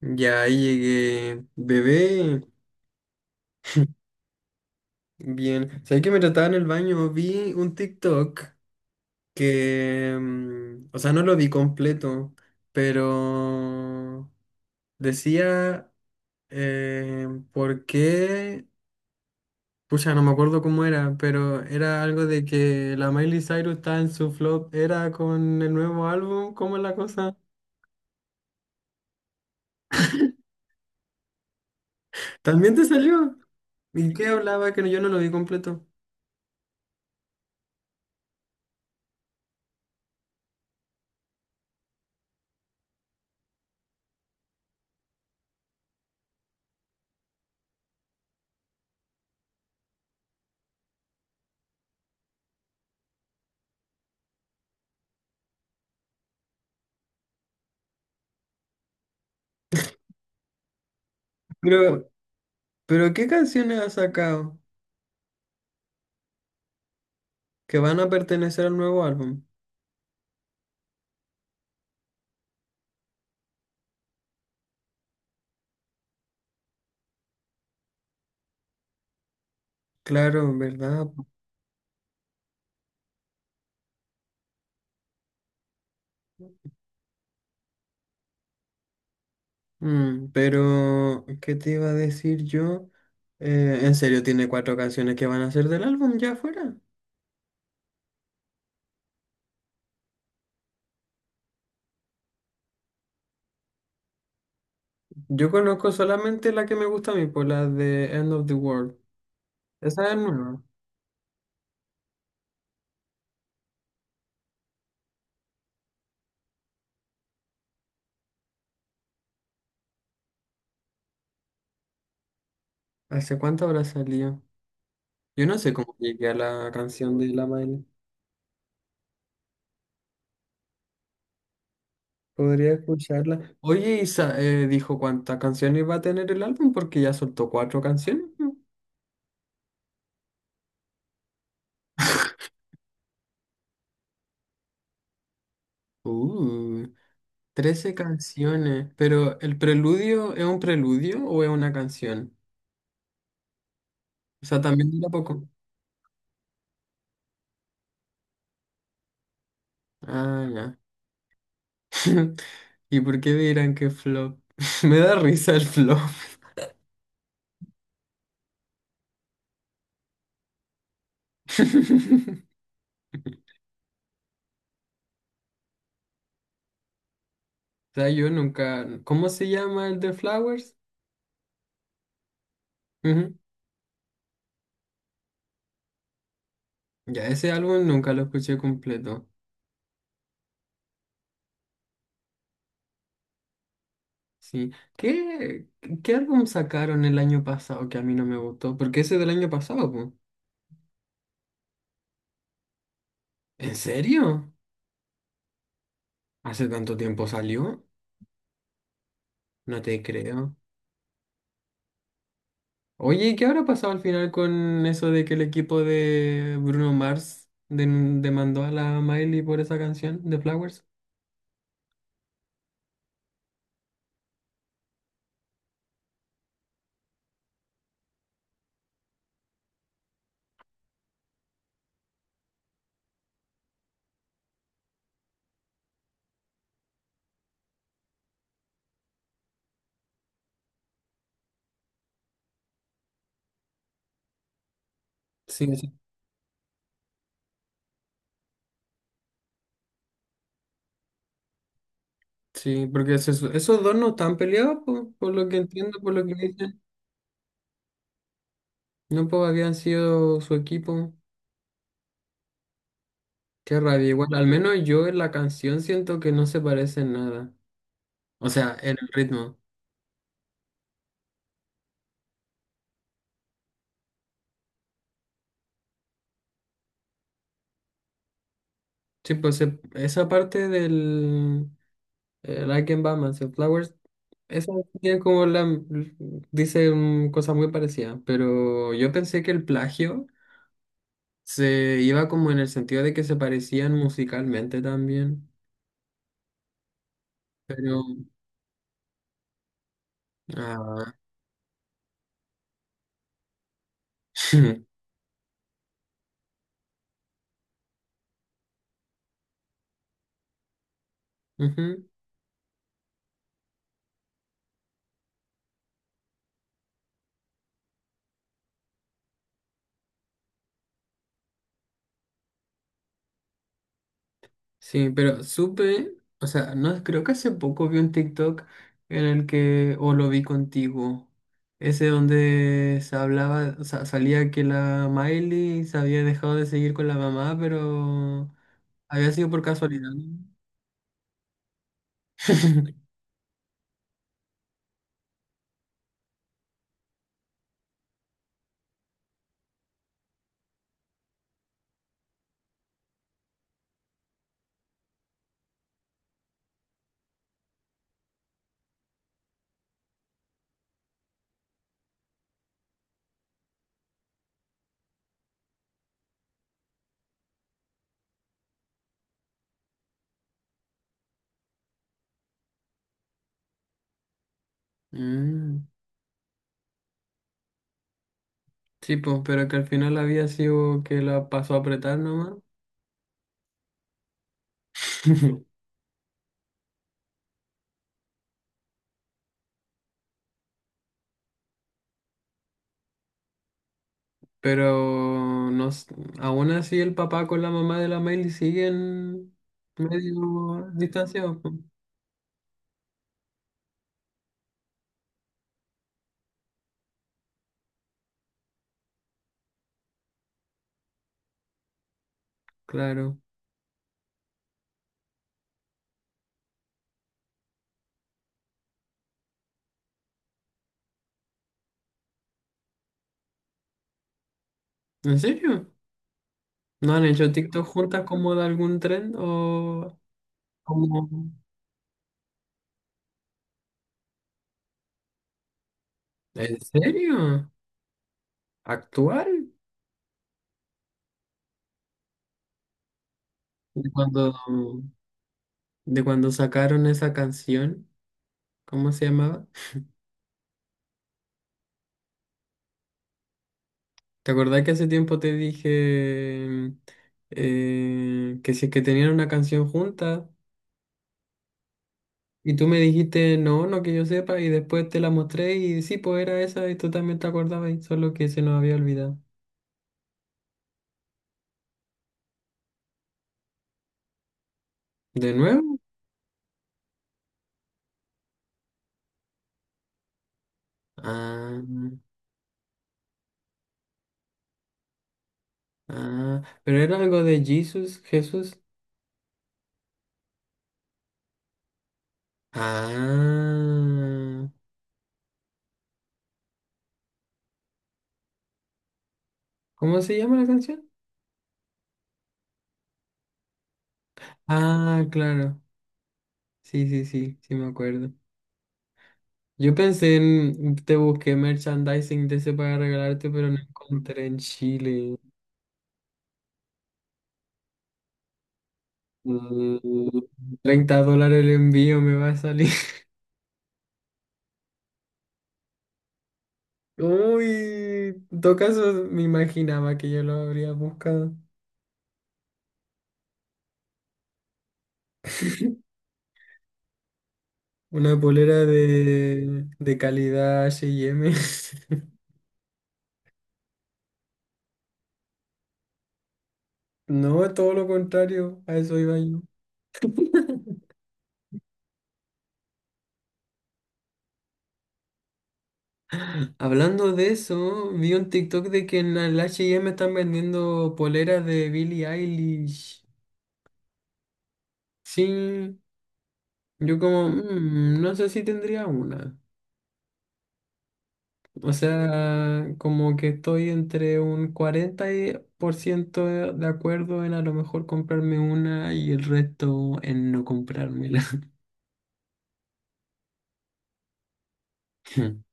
Ya ahí llegué, bebé, bien. ¿Sabes que me trataba en el baño? Vi un TikTok que, o sea, no lo vi completo, pero decía, eh, ¿por qué? Pucha, no me acuerdo cómo era, pero era algo de que la Miley Cyrus está en su flop, era con el nuevo álbum, ¿cómo es la cosa? ¿También te salió? ¿Y qué hablaba que yo no lo vi completo? Pero, pero ¿qué canciones ha sacado? Que van a pertenecer al nuevo álbum. Claro, ¿verdad? Mm, pero ¿qué te iba a decir yo? En serio, tiene cuatro canciones que van a ser del álbum ya fuera. Yo conozco solamente la que me gusta a mí, por la de End of the World. Esa es nueva. ¿Hace cuánto habrá salido? Yo no sé cómo llegué a la canción de La Miley. Podría escucharla. Oye, Isa, dijo cuántas canciones va a tener el álbum porque ya soltó cuatro canciones, ¿no? Uh. 13 canciones, pero ¿el preludio es un preludio o es una canción? O sea, también dura poco. Ah, ya. ¿Y por qué dirán que flop? Me da risa el flop. O sea, yo nunca. ¿Cómo se llama el de Flowers? Ujú. Ya, ese álbum nunca lo escuché completo. Sí. ¿Qué, qué álbum sacaron el año pasado que a mí no me gustó? Porque ese del año pasado, po. ¿En serio? ¿Hace tanto tiempo salió? No te creo. Oye, ¿qué habrá pasado al final con eso de que el equipo de Bruno Mars demandó a la Miley por esa canción de Flowers? Sí, sí. Sí, porque es esos dos no están peleados, po, por lo que entiendo, por lo que dicen. No, pues habían sido su equipo. Qué rabia. Igual, al menos yo en la canción siento que no se parecen nada. O sea, en el ritmo. Sí, pues esa parte del, Like and Batman, Flowers. Esa tiene como la. Dice mm, cosas muy parecidas, pero yo pensé que el plagio se iba como en el sentido de que se parecían musicalmente también. Pero. Ah. Ujú. Sí, pero supe, o sea, no creo que hace poco vi un TikTok en el que, o lo vi contigo, ese donde se hablaba, o sea, salía que la Miley se había dejado de seguir con la mamá, pero había sido por casualidad, ¿no? Mm, sí, pues, pero que al final había sido que la pasó a apretar nomás. Pero no, aún así el papá con la mamá de la Miley siguen medio distanciados. Claro. ¿En serio? ¿No han hecho TikTok juntas como de algún tren o como... ¿En serio? ¿Actual? ¿De cuando, de cuando sacaron esa canción? ¿Cómo se llamaba? ¿Te acordás que hace tiempo te dije que si es que tenían una canción junta y tú me dijiste no, no que yo sepa y después te la mostré y sí, pues era esa y tú también te acordabas y solo que se nos había olvidado? ¿De nuevo? Ah. Ah, pero era algo de Jesus, Jesús. Ah, ¿cómo se llama la canción? Ah, claro. Sí, sí, sí, sí me acuerdo. Yo pensé en, te busqué merchandising de ese para regalarte, pero no encontré en Chile. Mm, $30 el envío me va a salir. Uy, en todo caso me imaginaba que yo lo habría buscado. Una polera de calidad H y M. No, todo lo contrario, a eso iba yo. Hablando de eso, vi un TikTok de que en el H&M están vendiendo poleras de Billie Eilish. Sí, yo como, "Mm, no sé si tendría una. O sea, como que estoy entre un 40% de acuerdo en a lo mejor comprarme una y el resto en no comprármela.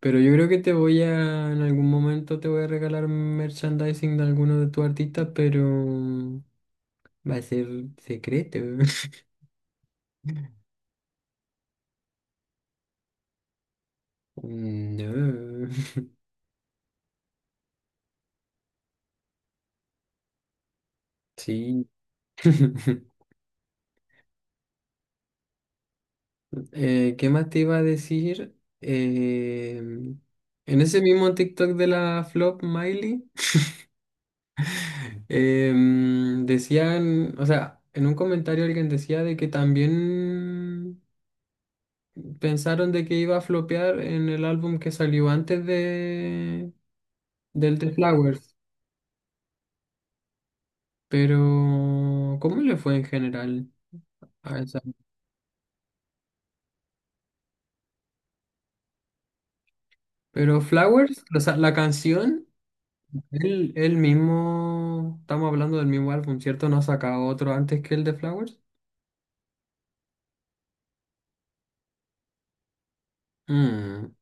Pero yo creo que te voy a, en algún momento te voy a regalar merchandising de alguno de tus artistas, pero va a ser secreto. No. Sí. ¿Qué más te iba a decir? Eh, en ese mismo TikTok de la flop Miley, decían, o sea, en un comentario alguien decía de que también pensaron de que iba a flopear en el álbum que salió antes de del The Flowers, pero ¿cómo le fue en general a esa? Pero Flowers, o sea, la canción, él mismo, estamos hablando del mismo álbum, ¿cierto? ¿No ha sacado otro antes que el de Flowers? Mm,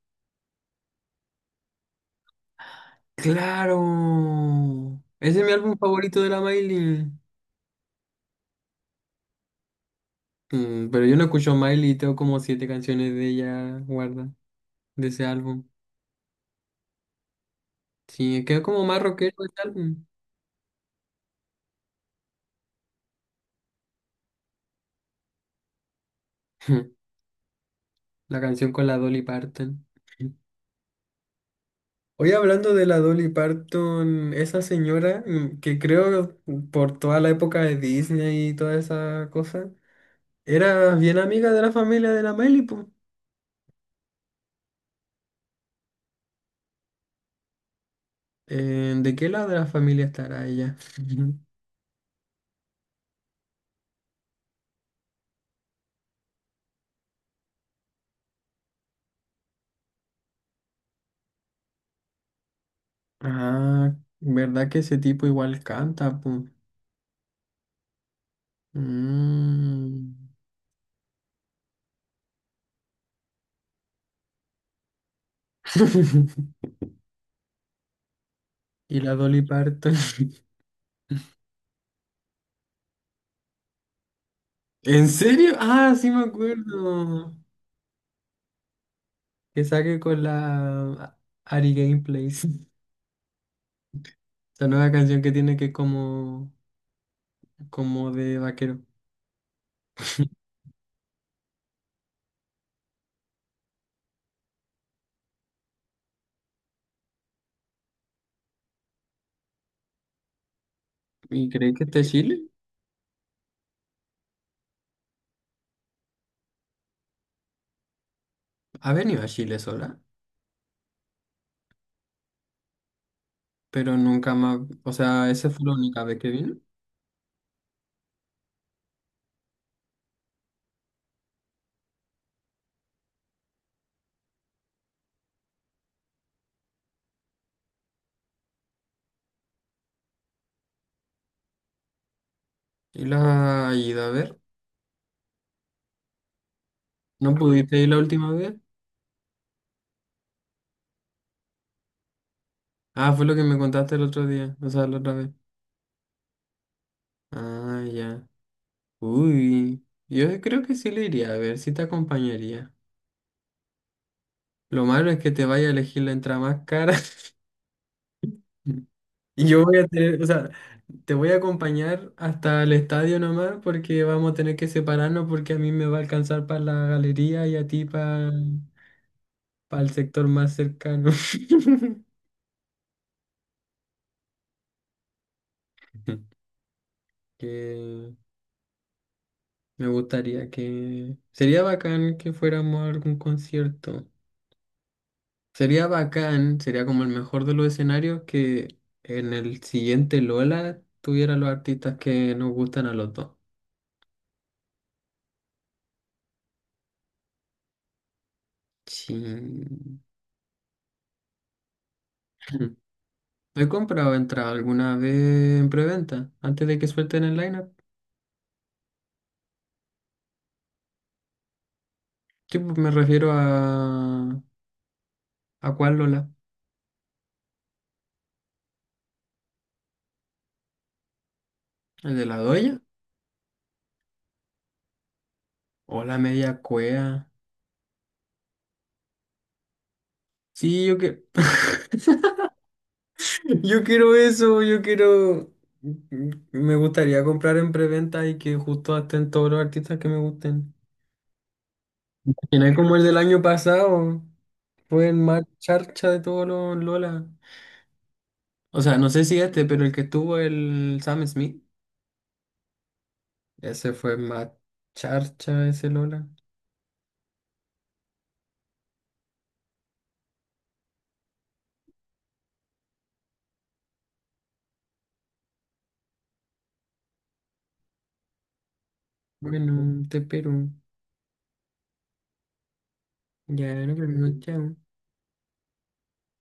claro, ese es mi álbum favorito de la Miley. Mm, pero yo no escucho Miley y tengo como siete canciones de ella guarda, de ese álbum. Sí, quedó como más rockero ese álbum. La canción con la Dolly Parton. Hoy hablando de la Dolly Parton, esa señora mm, que creo mm, por toda la época de Disney y toda esa cosa, era bien amiga de la familia de la Miley, po. ¿De qué lado de la familia estará ella? Ah, ¿verdad que ese tipo igual canta, po? Mm. Y la Dolly Parton. ¿En serio? Ah, sí me acuerdo. Que saque con la ah, Ari Gameplays. La nueva canción que tiene que es como como de vaquero. Y creí que este Chile ha venido a Chile sola, pero nunca más. O sea, esa fue la única vez que vino y la ha ido a ver. ¿No pudiste ir la última vez? Ah, fue lo que me contaste el otro día, o sea, la otra vez. Ah, ya. Uy, yo creo que sí le iría a ver, sí te acompañaría. Lo malo es que te vaya a elegir la entrada más cara. Y yo voy a tener, o sea, te voy a acompañar hasta el estadio nomás porque vamos a tener que separarnos porque a mí me va a alcanzar para la galería y a ti para el sector más cercano. Que me gustaría que... sería bacán que fuéramos a algún concierto. Sería bacán, sería como el mejor de los escenarios que en el siguiente Lola tuviera los artistas que nos gustan a los dos. Sí. He comprado entrada alguna vez en preventa, antes de que suelten el lineup. Tipo, me refiero a. ¿A cuál Lola? ¿El de la doya? ¿O la media cuea? Sí, yo que. Yo quiero eso, yo quiero. Mm, me gustaría comprar en preventa y que justo estén todos los artistas que me gusten. Y no es como el del año pasado, fue el más charcha de todos los Lola. O sea, no sé si este, pero el que tuvo el Sam Smith. Ese fue más charcha ese Lola. Bueno, te espero. Ya no creo que no, chao.